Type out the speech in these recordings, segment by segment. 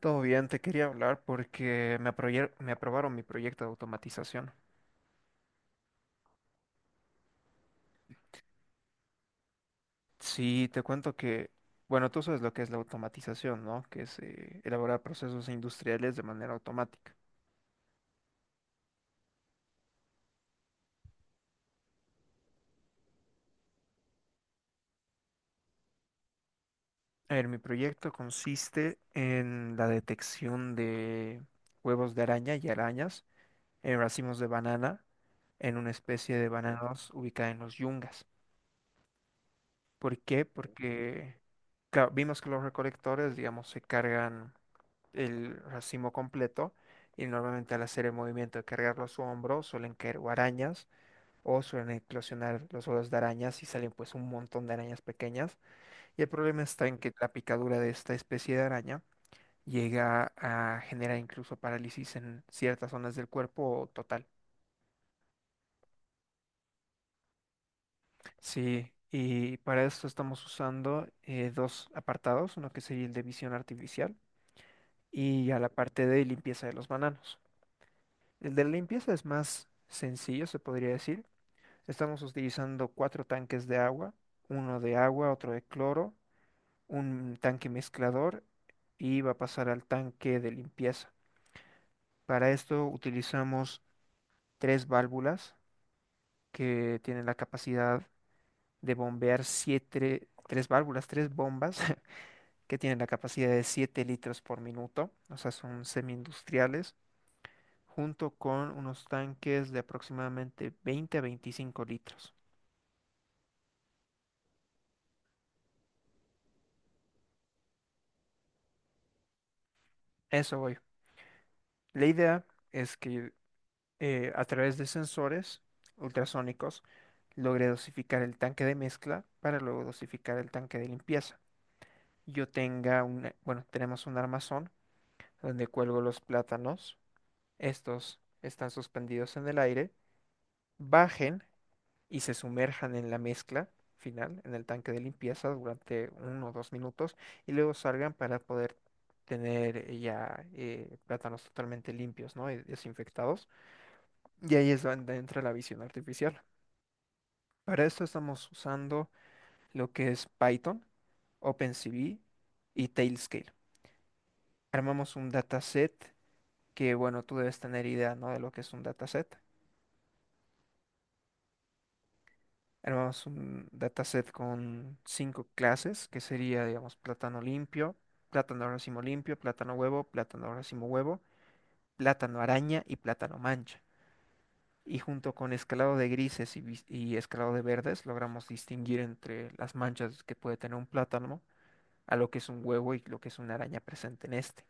Todo bien, te quería hablar porque me aprobaron mi proyecto de automatización. Sí, te cuento que, bueno, tú sabes lo que es la automatización, ¿no? Que es elaborar procesos industriales de manera automática. A ver, mi proyecto consiste en la detección de huevos de araña y arañas en racimos de banana en una especie de bananos ubicada en los yungas. ¿Por qué? Porque claro, vimos que los recolectores, digamos, se cargan el racimo completo y normalmente al hacer el movimiento de cargarlo a su hombro suelen caer o arañas o suelen eclosionar los huevos de arañas y salen pues un montón de arañas pequeñas, y el problema está en que la picadura de esta especie de araña llega a generar incluso parálisis en ciertas zonas del cuerpo o total. Sí. Y para esto estamos usando dos apartados, uno que sería el de visión artificial y a la parte de limpieza de los bananos. El de la limpieza es más sencillo, se podría decir. Estamos utilizando cuatro tanques de agua, uno de agua, otro de cloro, un tanque mezclador, y va a pasar al tanque de limpieza. Para esto utilizamos tres válvulas que tienen la capacidad de bombear siete, tres válvulas, tres bombas que tienen la capacidad de 7 litros por minuto, o sea, son semi industriales, junto con unos tanques de aproximadamente 20 a 25 litros. Eso voy. La idea es que a través de sensores ultrasónicos logre dosificar el tanque de mezcla para luego dosificar el tanque de limpieza. Yo tenga un, bueno, tenemos un armazón donde cuelgo los plátanos. Estos están suspendidos en el aire, bajen y se sumerjan en la mezcla final, en el tanque de limpieza durante 1 o 2 minutos, y luego salgan para poder tener ya plátanos totalmente limpios, ¿no? Y desinfectados. Y ahí es donde entra la visión artificial. Para esto estamos usando lo que es Python, OpenCV y Tailscale. Armamos un dataset que, bueno, tú debes tener idea, ¿no? De lo que es un dataset. Armamos un dataset con cinco clases, que sería, digamos, plátano limpio, plátano racimo limpio, plátano huevo, plátano racimo huevo, plátano araña y plátano mancha, y junto con escalado de grises y, y escalado de verdes logramos distinguir entre las manchas que puede tener un plátano a lo que es un huevo y lo que es una araña presente en este.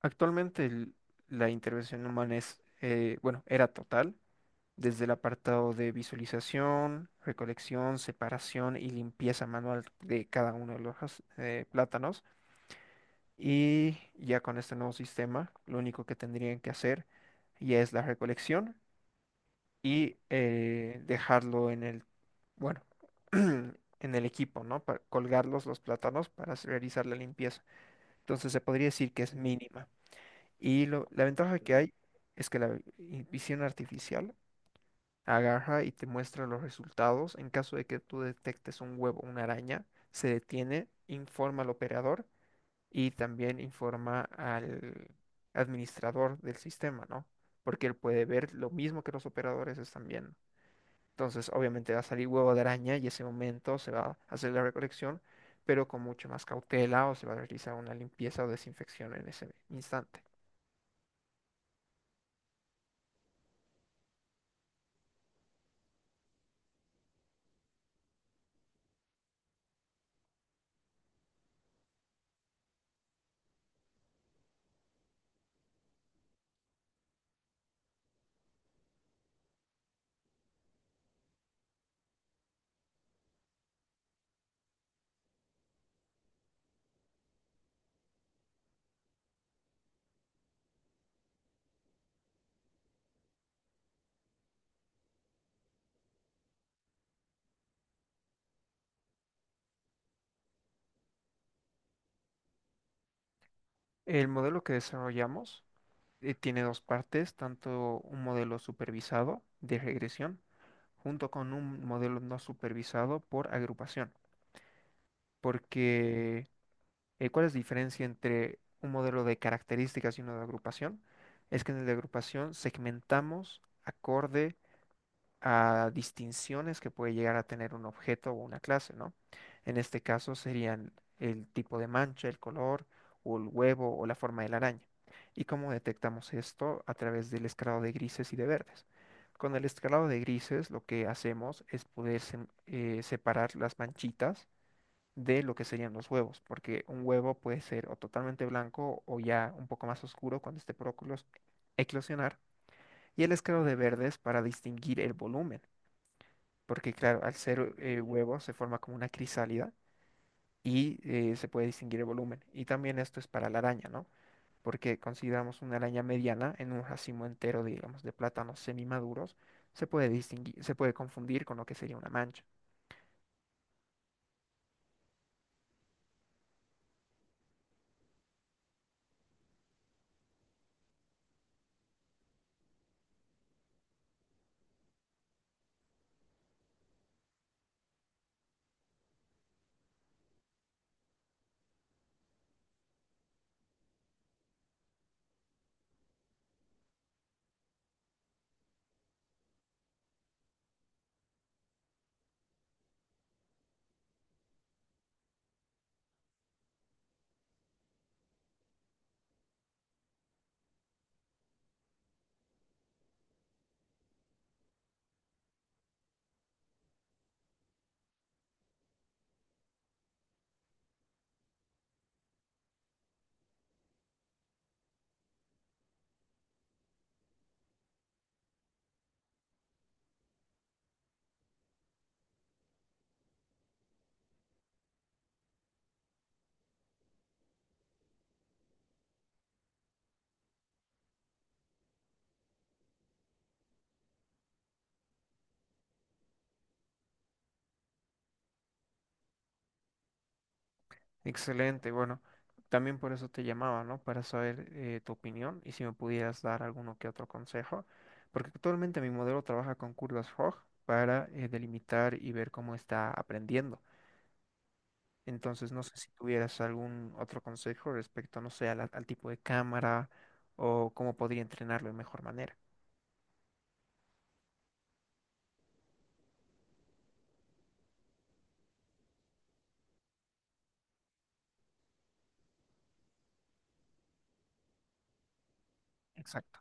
Actualmente la intervención humana es, bueno, era total, desde el apartado de visualización, recolección, separación y limpieza manual de cada uno de los plátanos. Y ya con este nuevo sistema, lo único que tendrían que hacer ya es la recolección y dejarlo en el, bueno, en el equipo, ¿no? Para colgarlos los plátanos para realizar la limpieza. Entonces se podría decir que es mínima. Y la ventaja que hay es que la visión artificial agarra y te muestra los resultados. En caso de que tú detectes un huevo, una araña, se detiene, informa al operador y también informa al administrador del sistema, ¿no? Porque él puede ver lo mismo que los operadores están viendo. Entonces, obviamente va a salir huevo de araña y ese momento se va a hacer la recolección, pero con mucha más cautela o se va a realizar una limpieza o desinfección en ese instante. El modelo que desarrollamos tiene dos partes, tanto un modelo supervisado de regresión junto con un modelo no supervisado por agrupación. Porque, ¿cuál es la diferencia entre un modelo de características y uno de agrupación? Es que en el de agrupación segmentamos acorde a distinciones que puede llegar a tener un objeto o una clase, ¿no? En este caso serían el tipo de mancha, el color, o el huevo, o la forma de la araña. ¿Y cómo detectamos esto? A través del escalado de grises y de verdes. Con el escalado de grises lo que hacemos es poder separar las manchitas de lo que serían los huevos, porque un huevo puede ser o totalmente blanco o ya un poco más oscuro cuando esté por eclosionar, y el escalado de verdes para distinguir el volumen, porque claro, al ser huevo se forma como una crisálida y se puede distinguir el volumen. Y también esto es para la araña, ¿no? Porque consideramos una araña mediana en un racimo entero, digamos, de plátanos semimaduros, se puede distinguir, se puede confundir con lo que sería una mancha. Excelente, bueno, también por eso te llamaba, ¿no? Para saber tu opinión y si me pudieras dar alguno que otro consejo, porque actualmente mi modelo trabaja con curvas Roj para delimitar y ver cómo está aprendiendo. Entonces, no sé si tuvieras algún otro consejo respecto, no sé, a al tipo de cámara o cómo podría entrenarlo de mejor manera. Exacto.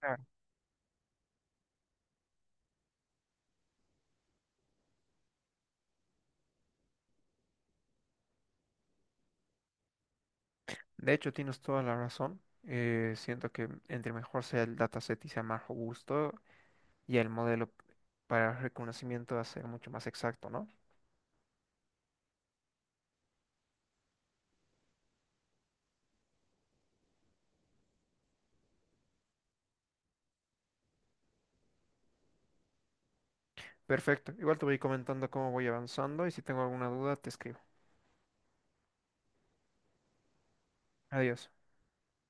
Claro. De hecho, tienes toda la razón. Siento que entre mejor sea el dataset y sea más robusto y el modelo para el reconocimiento va a ser mucho más exacto, ¿no? Perfecto. Igual te voy comentando cómo voy avanzando y si tengo alguna duda, te escribo. Adiós.